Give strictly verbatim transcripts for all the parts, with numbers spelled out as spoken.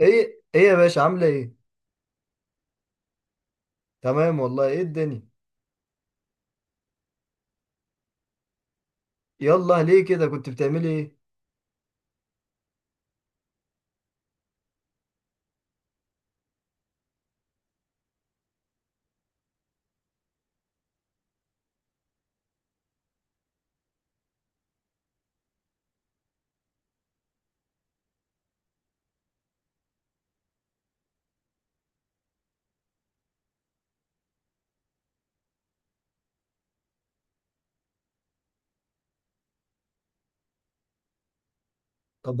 ايه ايه يا باشا، عامله ايه؟ تمام والله، ايه الدنيا؟ يلا ليه كده، كنت بتعملي ايه؟ طب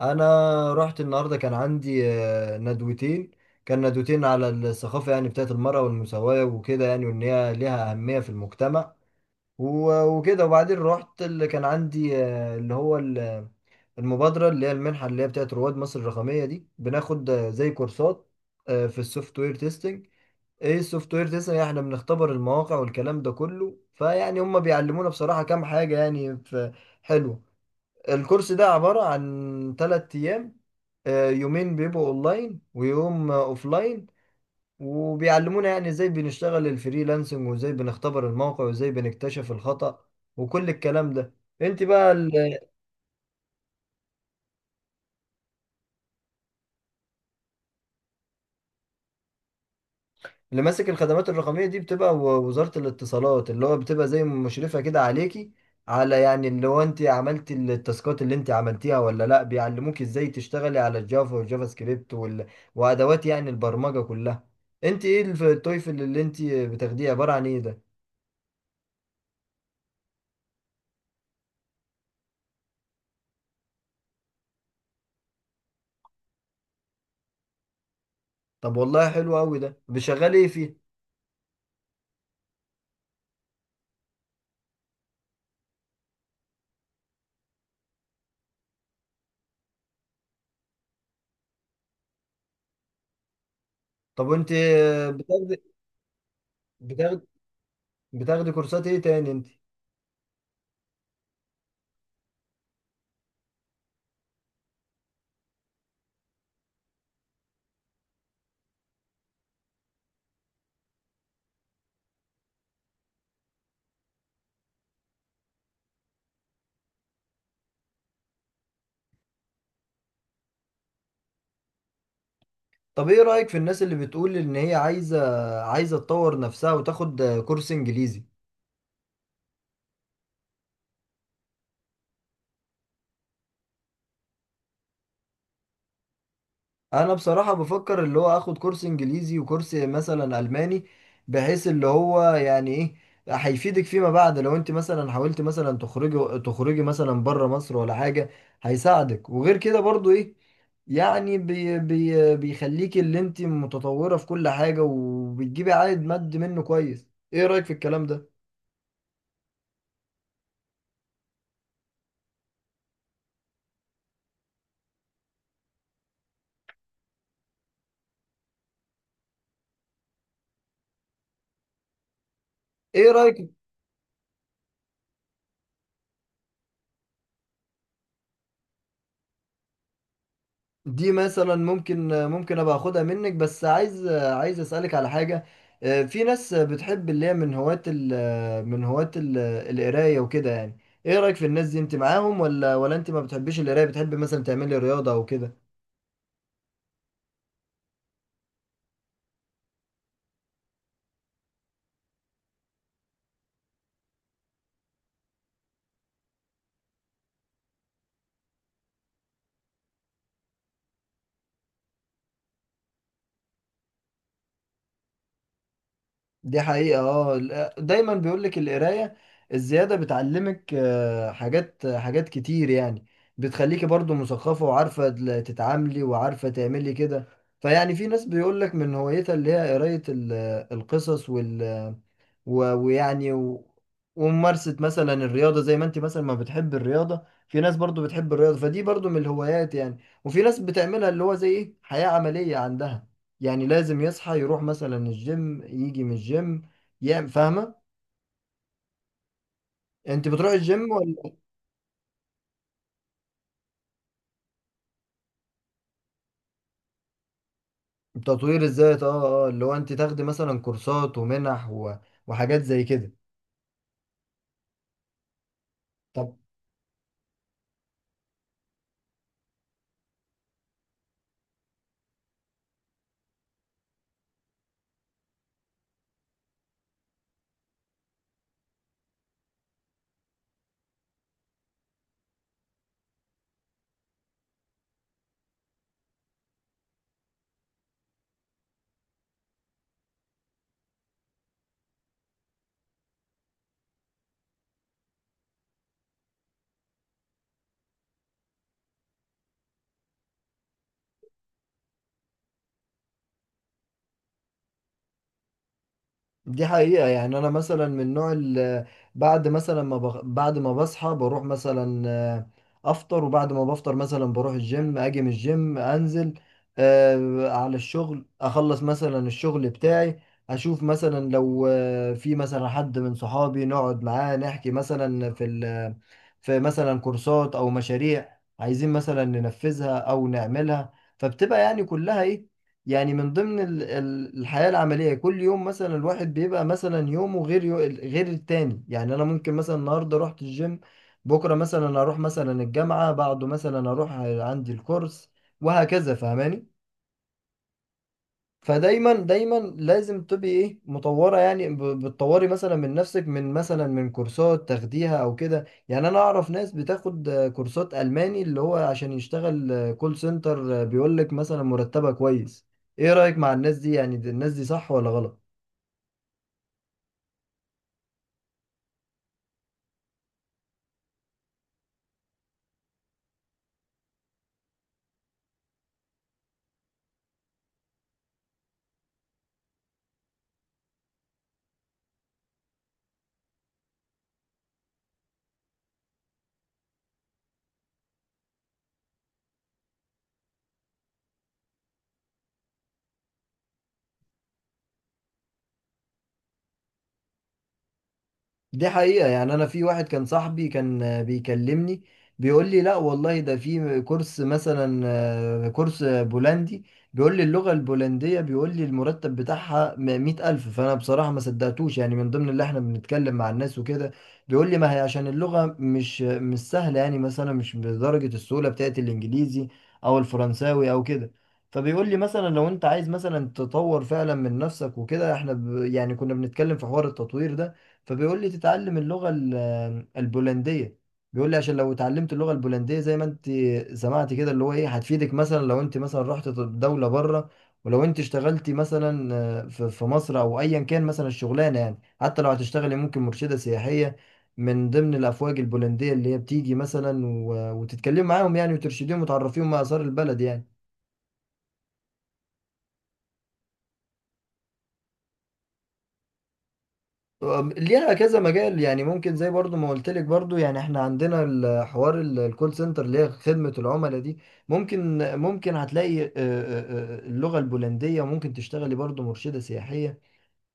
انا رحت النهارده، كان عندي آه، ندوتين. كان ندوتين على الثقافه، يعني بتاعت المراه والمساواه وكده، يعني وان هي ليها اهميه في المجتمع. و- وكده وبعدين رحت اللي كان عندي آه، اللي هو ال- المبادره اللي هي المنحه اللي هي بتاعت رواد مصر الرقميه دي، بناخد آه، زي كورسات آه، في السوفت وير تيستنج. ايه السوفت وير تسعة، احنا بنختبر المواقع والكلام ده كله، فيعني هم بيعلمونا بصراحة كام حاجة يعني، ف- حلوة. الكورس ده عبارة عن تلات ايام، آه، يومين بيبقوا اونلاين ويوم آه، اوفلاين. وبيعلمونا يعني ازاي بنشتغل الفريلانسنج وازاي بنختبر الموقع وازاي بنكتشف الخطأ وكل الكلام ده. انت بقى، اللي ماسك الخدمات الرقمية دي بتبقى و- وزارة الاتصالات، اللي هو بتبقى زي مشرفة كده عليكي. على يعني اللي هو انت عملتي التاسكات اللي انت عملتيها ولا لا، بيعلموك ازاي تشتغلي على الجافا والجافا سكريبت وال... وادوات يعني البرمجة كلها. انت ايه الف- التويفل اللي انت بتاخديه، عبارة عن ايه ده؟ طب والله حلو قوي ده، بشغالي ايه فيه؟ طب انت بتاخدي بتاخدي بتاخدي كورسات ايه تاني انت؟ طب ايه رأيك في الناس اللي بتقول ان هي عايزة عايزة تطور نفسها وتاخد كورس انجليزي؟ انا بصراحة بفكر اللي هو اخد كورس انجليزي وكورس مثلا الماني، بحيث اللي هو يعني ايه، هيفيدك فيما بعد، لو انت مثلا حاولت مثلا تخرجي تخرجي مثلا بره مصر ولا حاجة، هيساعدك. وغير كده برضو ايه، يعني بي بي بيخليكي اللي انت متطورة في كل حاجة وبتجيبي عائد مادي منه كويس. ايه رأيك في الكلام ده؟ ايه رأيك؟ دي مثلا ممكن ممكن ابقى اخدها منك، بس عايز عايز اسالك على حاجه. آه، في ناس بتحب اللي هي من هواة ال- من هواة ال- القرايه وكده يعني. ايه رايك في الناس دي، انت معاهم ولا ولا انت ما بتحبيش القرايه، بتحب مثلا تعملي رياضه او كده؟ دي حقيقة، اه، ال- دايما بيقولك القراية الزيادة بتعلمك آه، حاجات حاجات كتير يعني، بتخليكي برضو مثقفة وعارفة ال- تتعاملي وعارفة تعملي كده. فيعني في ناس بيقولك من هوايتها اللي هي قراية ال- القصص، و- ويعني و... وممارسة مثلا الرياضة، زي ما انت مثلا ما بتحب الرياضة، في ناس برضو بتحب الرياضة، فدي برضو من الهوايات يعني. وفي ناس بتعملها اللي هو زي ايه، حياة عملية عندها، يعني لازم يصحى يروح مثلا الجيم، يجي من الجيم يعمل، فاهمة. انت بتروح الجيم ولا؟ تطوير الذات، اه اه، اللي هو انت تاخدي مثلا كورسات ومنح و... وحاجات زي كده. طب دي حقيقة يعني، أنا مثلا من النوع اللي بعد مثلا ما بغ... بعد ما بصحى بروح مثلا آه، أفطر، وبعد ما بفطر مثلا بروح الجيم، أجي من الجيم أنزل آه، على الشغل، أخلص مثلا الشغل بتاعي، أشوف مثلا لو آه، في مثلا حد من صحابي، نقعد معاه نحكي مثلا في ال... في مثلا كورسات أو مشاريع عايزين مثلا ننفذها أو نعملها. فبتبقى يعني كلها إيه، يعني من ضمن ال- ال- الحياة العملية، كل يوم مثلا الواحد بيبقى مثلا يومه غير يو غير التاني، يعني أنا ممكن مثلا النهاردة رحت الجيم، بكرة مثلا أروح مثلا الجامعة، بعده مثلا أروح عندي الكورس، وهكذا فاهماني. فدايما دايما لازم تبقي ايه، مطوره يعني، ب- بتطوري مثلا من نفسك، من مثلا من كورسات تاخديها او كده. يعني انا اعرف ناس بتاخد آه، كورسات الماني، اللي هو عشان يشتغل آه، كول سنتر، آه، بيقول لك مثلا مرتبها كويس. ايه رايك مع الناس دي، يعني دي- الناس دي صح ولا غلط؟ دي حقيقة يعني، أنا في واحد كان صاحبي، كان آه، بيكلمني، بيقول لي لا والله، ده في كورس مثلا آه، كورس آه، بولندي، بيقول لي اللغة البولندية، بيقول لي المرتب بتاعها مئة ألف. فأنا بصراحة ما صدقتوش يعني، من ضمن اللي احنا بنتكلم مع الناس وكده. بيقول لي ما هي عشان اللغة مش مش سهلة يعني، مثلا مش بدرجة السهولة بتاعت الإنجليزي أو الفرنساوي أو كده. فبيقول لي مثلا لو انت عايز مثلا تطور فعلا من نفسك وكده، احنا ب... يعني كنا بنتكلم في حوار التطوير ده. فبيقول لي تتعلم اللغة ال- البولندية، بيقول لي عشان لو اتعلمت اللغة البولندية، زي ما انت سمعت كده اللي هو ايه، هتفيدك مثلا لو انت مثلا رحت دولة بره، ولو انت اشتغلتي مثلا آه، في في مصر، او ايا كان مثلا الشغلانة يعني، حتى لو هتشتغلي ممكن مرشدة سياحية، من ضمن الافواج البولندية اللي هي بتيجي مثلا، و- وتتكلمي معاهم يعني، وترشديهم وتعرفيهم ما اثار البلد يعني. أم، ليها كذا مجال يعني، ممكن زي برضو ما قلت لك، برضو يعني احنا عندنا الحوار ال- الكول سنتر اللي هي خدمة العملاء دي. ممكن ممكن هتلاقي آه، آه، آه، اللغة البولندية، ممكن تشتغلي برضو مرشدة سياحية،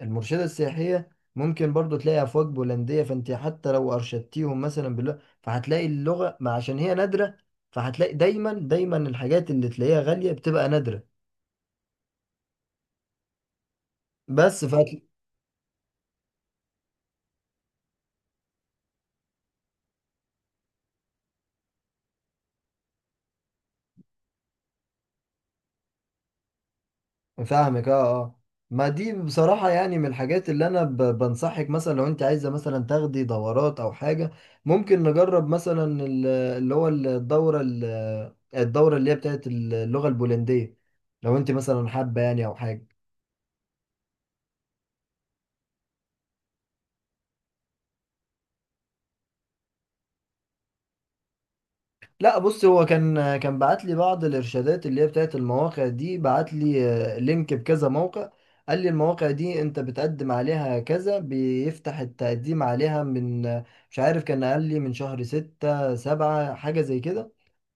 المرشدة السياحية ممكن برضو تلاقي أفواج بولندية، فانت حتى لو أرشدتيهم مثلا باللغة، فهتلاقي اللغة، ما عشان هي نادرة، فهتلاقي دايما دايما، الحاجات اللي تلاقيها غالية بتبقى نادرة، بس. فاهمك، اه اه، ما دي بصراحة يعني من الحاجات اللي أنا ب- بنصحك، مثلا لو أنت عايزة مثلا تاخدي دورات أو حاجة، ممكن نجرب مثلا ال- اللي هو الدورة ال- الدورة اللي هي بتاعت اللغة البولندية، لو أنت مثلا حابة يعني أو حاجة. لا بص، هو كان كان بعت لي بعض الارشادات اللي هي بتاعت المواقع دي، بعت لي آه، لينك بكذا موقع. قال لي المواقع دي انت بتقدم عليها كذا، بيفتح التقديم عليها من آه، مش عارف، كان قال لي من شهر ستة سبعة حاجة زي كده.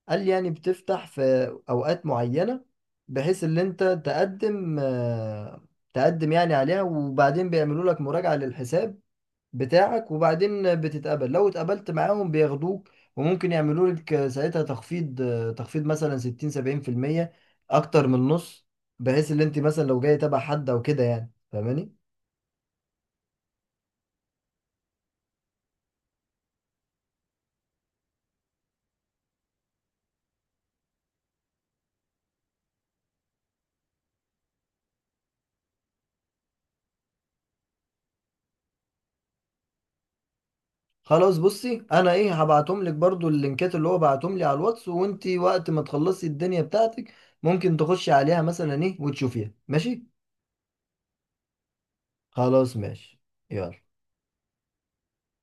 قال لي يعني بتفتح في اوقات معينة، بحيث ان انت تقدم آه، تقدم يعني عليها، وبعدين بيعملوا لك مراجعة للحساب بتاعك، وبعدين بتتقبل، لو اتقبلت معاهم بياخدوك. وممكن يعملوا لك ساعتها تخفيض، تخفيض مثلا ستين سبعين في المية، اكتر من النص، بحيث ان انت مثلا لو جاي تبع حد او كده يعني، فاهماني. خلاص بصي، انا ايه، هبعتهم لك برضو اللينكات اللي هو بعتهم لي على الواتس، وانت وقت ما تخلصي الدنيا بتاعتك ممكن تخشي عليها مثلا ايه، وتشوفيها ماشي. خلاص ماشي، يلا.